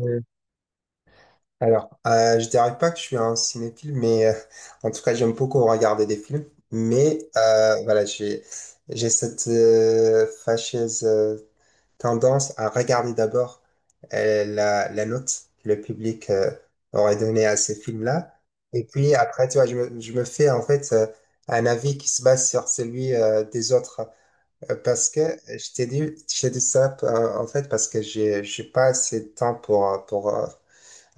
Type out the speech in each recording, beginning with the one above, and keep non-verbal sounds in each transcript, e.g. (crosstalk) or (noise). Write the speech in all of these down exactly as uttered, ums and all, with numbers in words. Et alors, euh, je dirais pas que je suis un cinéphile, mais euh, en tout cas, j'aime beaucoup regarder des films. Mais euh, voilà, j'ai j'ai cette euh, fâcheuse euh, tendance à regarder d'abord euh, la, la note que le public euh, aurait donnée à ces films-là. Et puis après, tu vois, je me, je me fais en fait euh, un avis qui se base sur celui euh, des autres. Euh, parce que je t'ai dit, je t'ai dit ça euh, en fait parce que j'ai j'ai pas assez de temps pour, euh, pour, euh,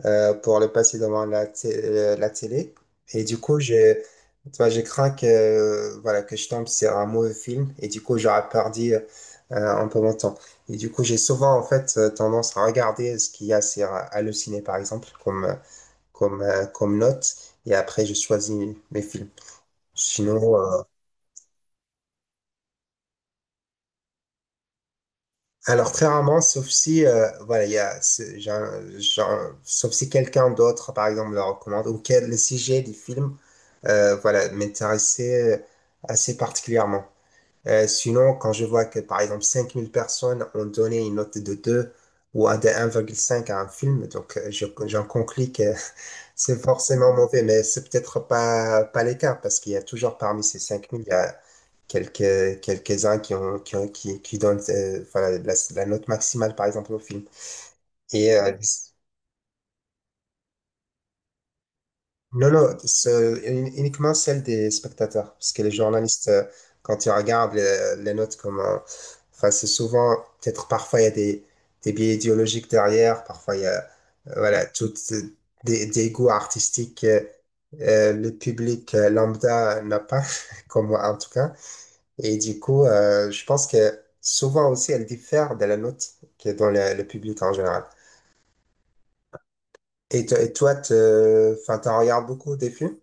euh, pour le passer devant la, té- euh, la télé. Et du coup, je, tu vois, je crains que, euh, voilà, que je tombe sur un mauvais film et du coup, j'aurais perdu euh, un peu mon temps. Et du coup, j'ai souvent, en fait, euh, tendance à regarder ce qu'il y a sur euh, Allociné, par exemple, comme, euh, comme, euh, comme note. Et après, je choisis mes films. Sinon, euh, alors très rarement, sauf si euh, voilà, il y a, c'est- j'ai un- j'ai un- sauf si quelqu'un d'autre, par exemple, le recommande ou quel le sujet du film, euh, voilà, m'intéressait euh, assez particulièrement. Euh, sinon, quand je vois que par exemple cinq mille personnes ont donné une note de deux ou un de un virgule cinq à un film, donc euh, je- j'en conclus que (laughs) c'est forcément mauvais, mais c'est peut-être pas pas l'écart parce qu'il y a toujours parmi ces cinq mille, quelques, quelques-uns qui ont, qui ont- qui, qui donnent, euh, voilà, la, la note maximale, par exemple, au film. Et, euh, non, non, ce- un- uniquement celle des spectateurs, parce que les journalistes, euh, quand ils regardent les, les notes comme, un- enfin, c'est souvent, peut-être parfois il y a des, des biais idéologiques derrière, parfois il y a, euh, voilà, toutes euh, des, des goûts artistiques, euh, euh, le public euh, lambda n'a pas, (laughs) comme moi en tout cas. Et du coup, euh, je pense que souvent aussi, elle diffère de la note qui est dans le, le public en général. Et, to- et toi, te, enfin, t'en regardes beaucoup des films?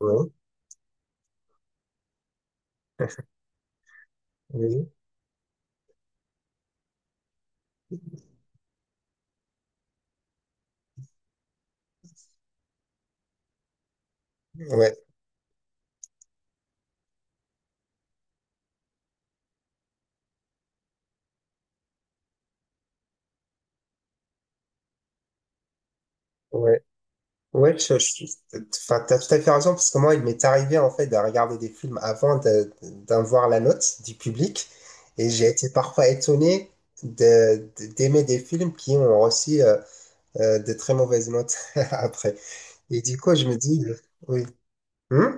Oui. Oui. Ouais, ouais. Ouais, je, je, enfin, t'as tout à fait raison, parce que moi, il m'est arrivé, en fait, de regarder des films avant de, d'en voir la note du public. Et j'ai été parfois étonné de, de- d'aimer des films qui ont reçu euh, euh, de très mauvaises notes (laughs) après. Et du coup, je me dis, euh, oui. Hmm.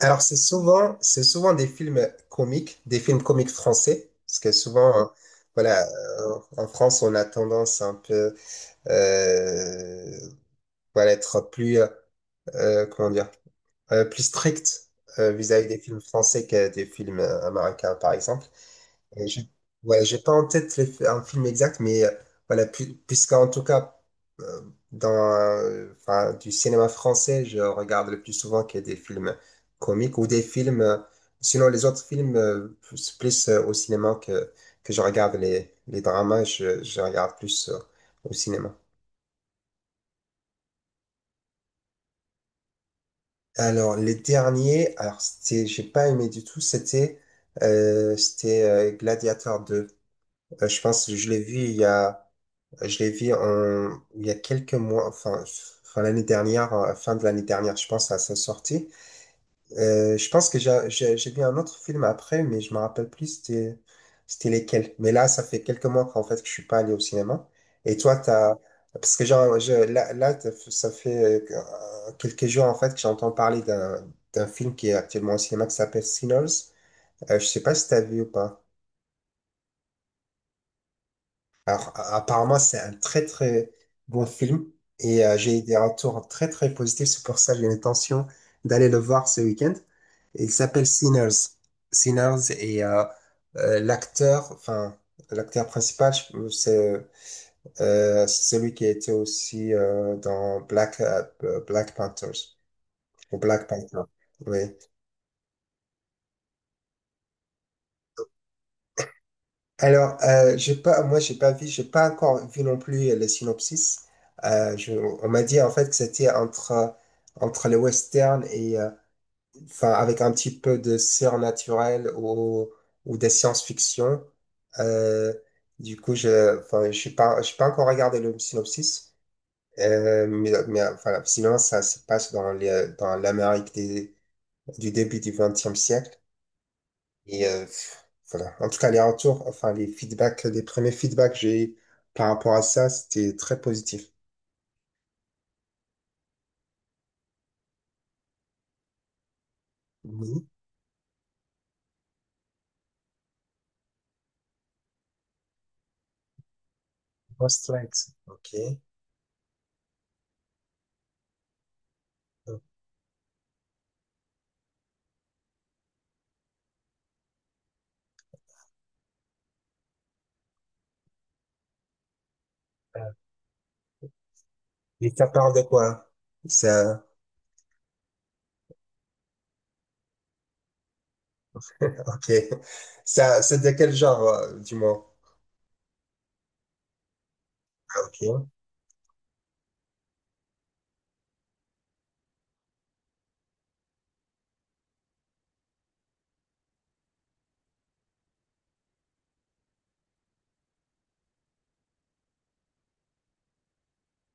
Alors, c'est souvent, c'est souvent des films comiques, des films comiques français, parce que souvent, euh, voilà, euh, en France, on a tendance un peu, euh, voilà, être plus, euh, comment dire, euh, plus strict euh, vis-à-vis des films français que des films euh, américains, par exemple. Et je, ouais, j'ai pas en tête le f- un film exact, mais euh, voilà, pu- puisqu'en tout cas, euh, dans euh, enfin, du cinéma français, je regarde le plus souvent que des films comiques ou des films, euh, sinon les autres films, euh, plus, plus, euh, au cinéma que, que je regarde les, les dramas, je, je regarde plus euh, au cinéma. Alors, les derniers, alors c'était, j'ai pas aimé du tout, c'était euh, c'était euh, Gladiator deux. Euh, je pense que je l'ai vu il y a Je l'ai vu en- il y a quelques mois, enfin, enfin l'année dernière, euh, fin de l'année dernière, je pense, à sa sortie. Euh, je pense que j'ai j'ai- j'ai vu un autre film après, mais je me rappelle plus c'était c'était lesquels. Mais là, ça fait quelques mois qu'en fait que je suis pas allé au cinéma. Et toi, t'as, parce que genre, je, là, là, t'as- ça fait euh, quelques jours en fait que j'entends parler d'un d'un film qui est actuellement au cinéma qui s'appelle Sinners. Euh, je sais pas si t'as vu ou pas. Alors, a- apparemment, c'est un très très bon film et euh, j'ai eu des retours très très positifs. C'est pour ça que j'ai l'intention d'aller le voir ce week-end. Il s'appelle Sinners. Sinners et euh, euh, l'acteur, enfin, l'acteur principal, je- c'est euh, celui qui était aussi euh, dans Black, euh, Black Panthers ou Black Panther. Oui. Alors, euh, j'ai pas, moi, j'ai pas vu, j'ai pas encore vu non plus le synopsis. Euh, je, on m'a dit en fait que c'était entre entre le western et euh, enfin avec un petit peu de surnaturel ou ou des science-fiction. Euh, du coup, je, enfin, je suis pas, je suis pas encore regardé le synopsis. Euh, mais, mais enfin, sinon, ça se passe dans les, dans l'Amérique des- du début du vingtième siècle. Et euh, voilà. En tout cas, les retours, enfin, les feedbacks, les premiers feedbacks que j'ai eu par rapport à ça, c'était très positif. Oui, post-flight. OK. Donc, euh, et ça parle de quoi? Ça, OK. Ça, c'est de quel genre, euh, du moins? Ah, OK.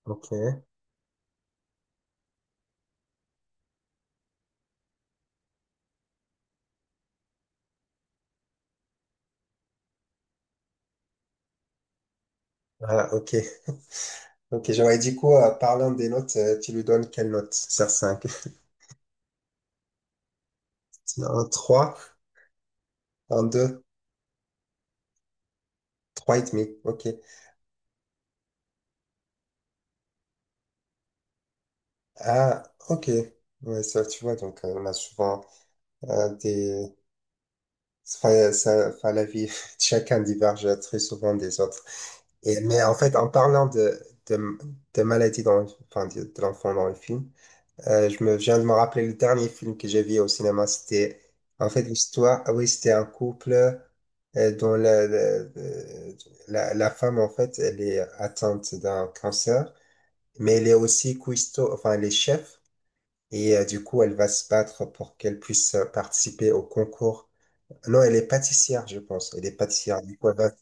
OK. Ah, OK. OK. J'aurais dit quoi, euh, parlant des notes, euh, tu lui donnes quelle note sur cinq? (laughs) Un trois, un deux, trois virgule cinq. OK. Ah, OK. Ouais, ça, tu vois, donc, euh, on a souvent euh, des enfin, ça, enfin, la vie, (laughs) chacun diverge très souvent des autres. Et, mais en fait, en parlant de, de, de maladies dans, le- enfin, de, de l'enfant dans le film, euh, je me viens de me rappeler le dernier film que j'ai vu au cinéma. C'était, en fait, l'histoire, ah oui, c'était un couple euh, dont la, la, la, la femme, en fait, elle est atteinte d'un cancer, mais elle est aussi cuistot, enfin, elle est chef. Et euh, du coup, elle va se battre pour qu'elle puisse euh, participer au concours non, elle est pâtissière, je pense. Elle est pâtissière. Du coup, elle va-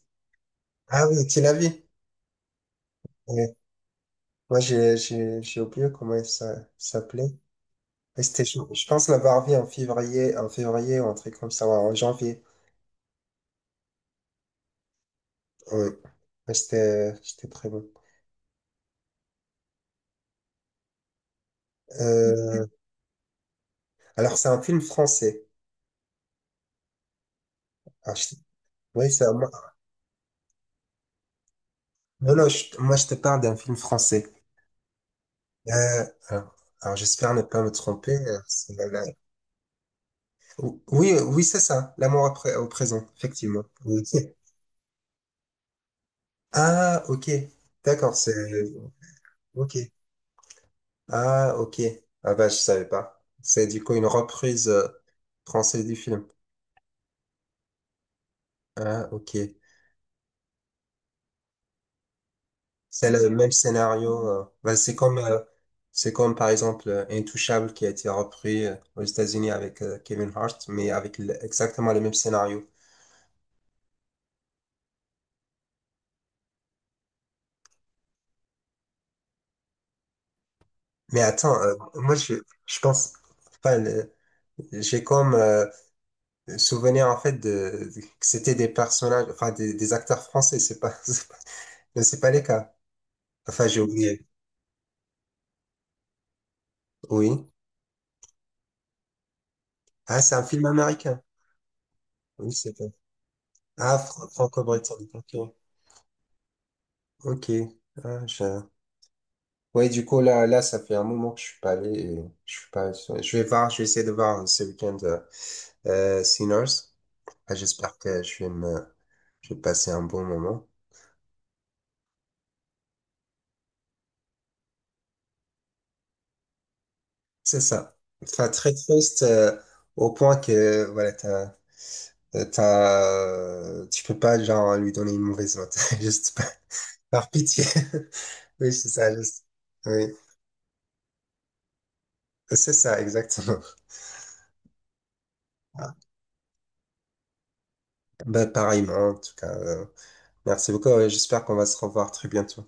Ah oui, tu l'as vu? Ouais. Moi, j'ai j'ai- j'ai oublié comment elle s'a- s'appelait. Mais C'était, je, je pense l'avoir vu en février, en février ou un truc comme ça, ouais, en janvier. Oui. Mais C'était c'était très bon. Euh, alors, c'est un film français. Alors, je- oui, c'est un- moi- non, non, je- moi, je te parle d'un film français. Euh, alors, alors, j'espère ne pas me tromper. euh, c'est la- la- Oui, oui, c'est ça. L'amour après- au présent, effectivement. Oui. (laughs) Ah, ok. D'accord, c'est... Ok. Ah, ok. Ah bah, je savais pas. C'est du coup une reprise euh, française du film. Ah, ok. C'est le même scénario. euh. Bah, c'est comme, euh, c'est comme, par exemple, euh, Intouchable qui a été repris euh, aux États-Unis avec euh, Kevin Hart, mais avec le- exactement le même scénario. Mais attends, euh, moi, je, je pense... Enfin, le- j'ai comme euh, souvenir, en fait, de, de- que c'était des personnages, enfin, des, des acteurs français. C'est pas... (laughs) c'est pas. Non, c'est pas les cas. Enfin, j'ai oublié. Oui. Ah, c'est un film américain. Oui, c'est pas. Ah, fr- franco-britannique. Ok. Ok. Ah, je... Ouais, du coup, là, là, ça fait un moment que je suis pas allé. Et je suis pas... Je vais voir, je vais essayer de voir euh, ce week-end euh, euh, Sinners. Ah, j'espère que je vais me... je vais passer un bon moment. C'est ça. Enfin, très triste euh, au point que, voilà, t'as, t'as, tu peux pas, genre, lui donner une mauvaise note. (laughs) Juste par pitié. (laughs) Oui, c'est ça. je- Oui, c'est ça, exactement. Ah, bah, pareillement, en tout cas. Euh, merci beaucoup. Et j'espère qu'on va se revoir très bientôt.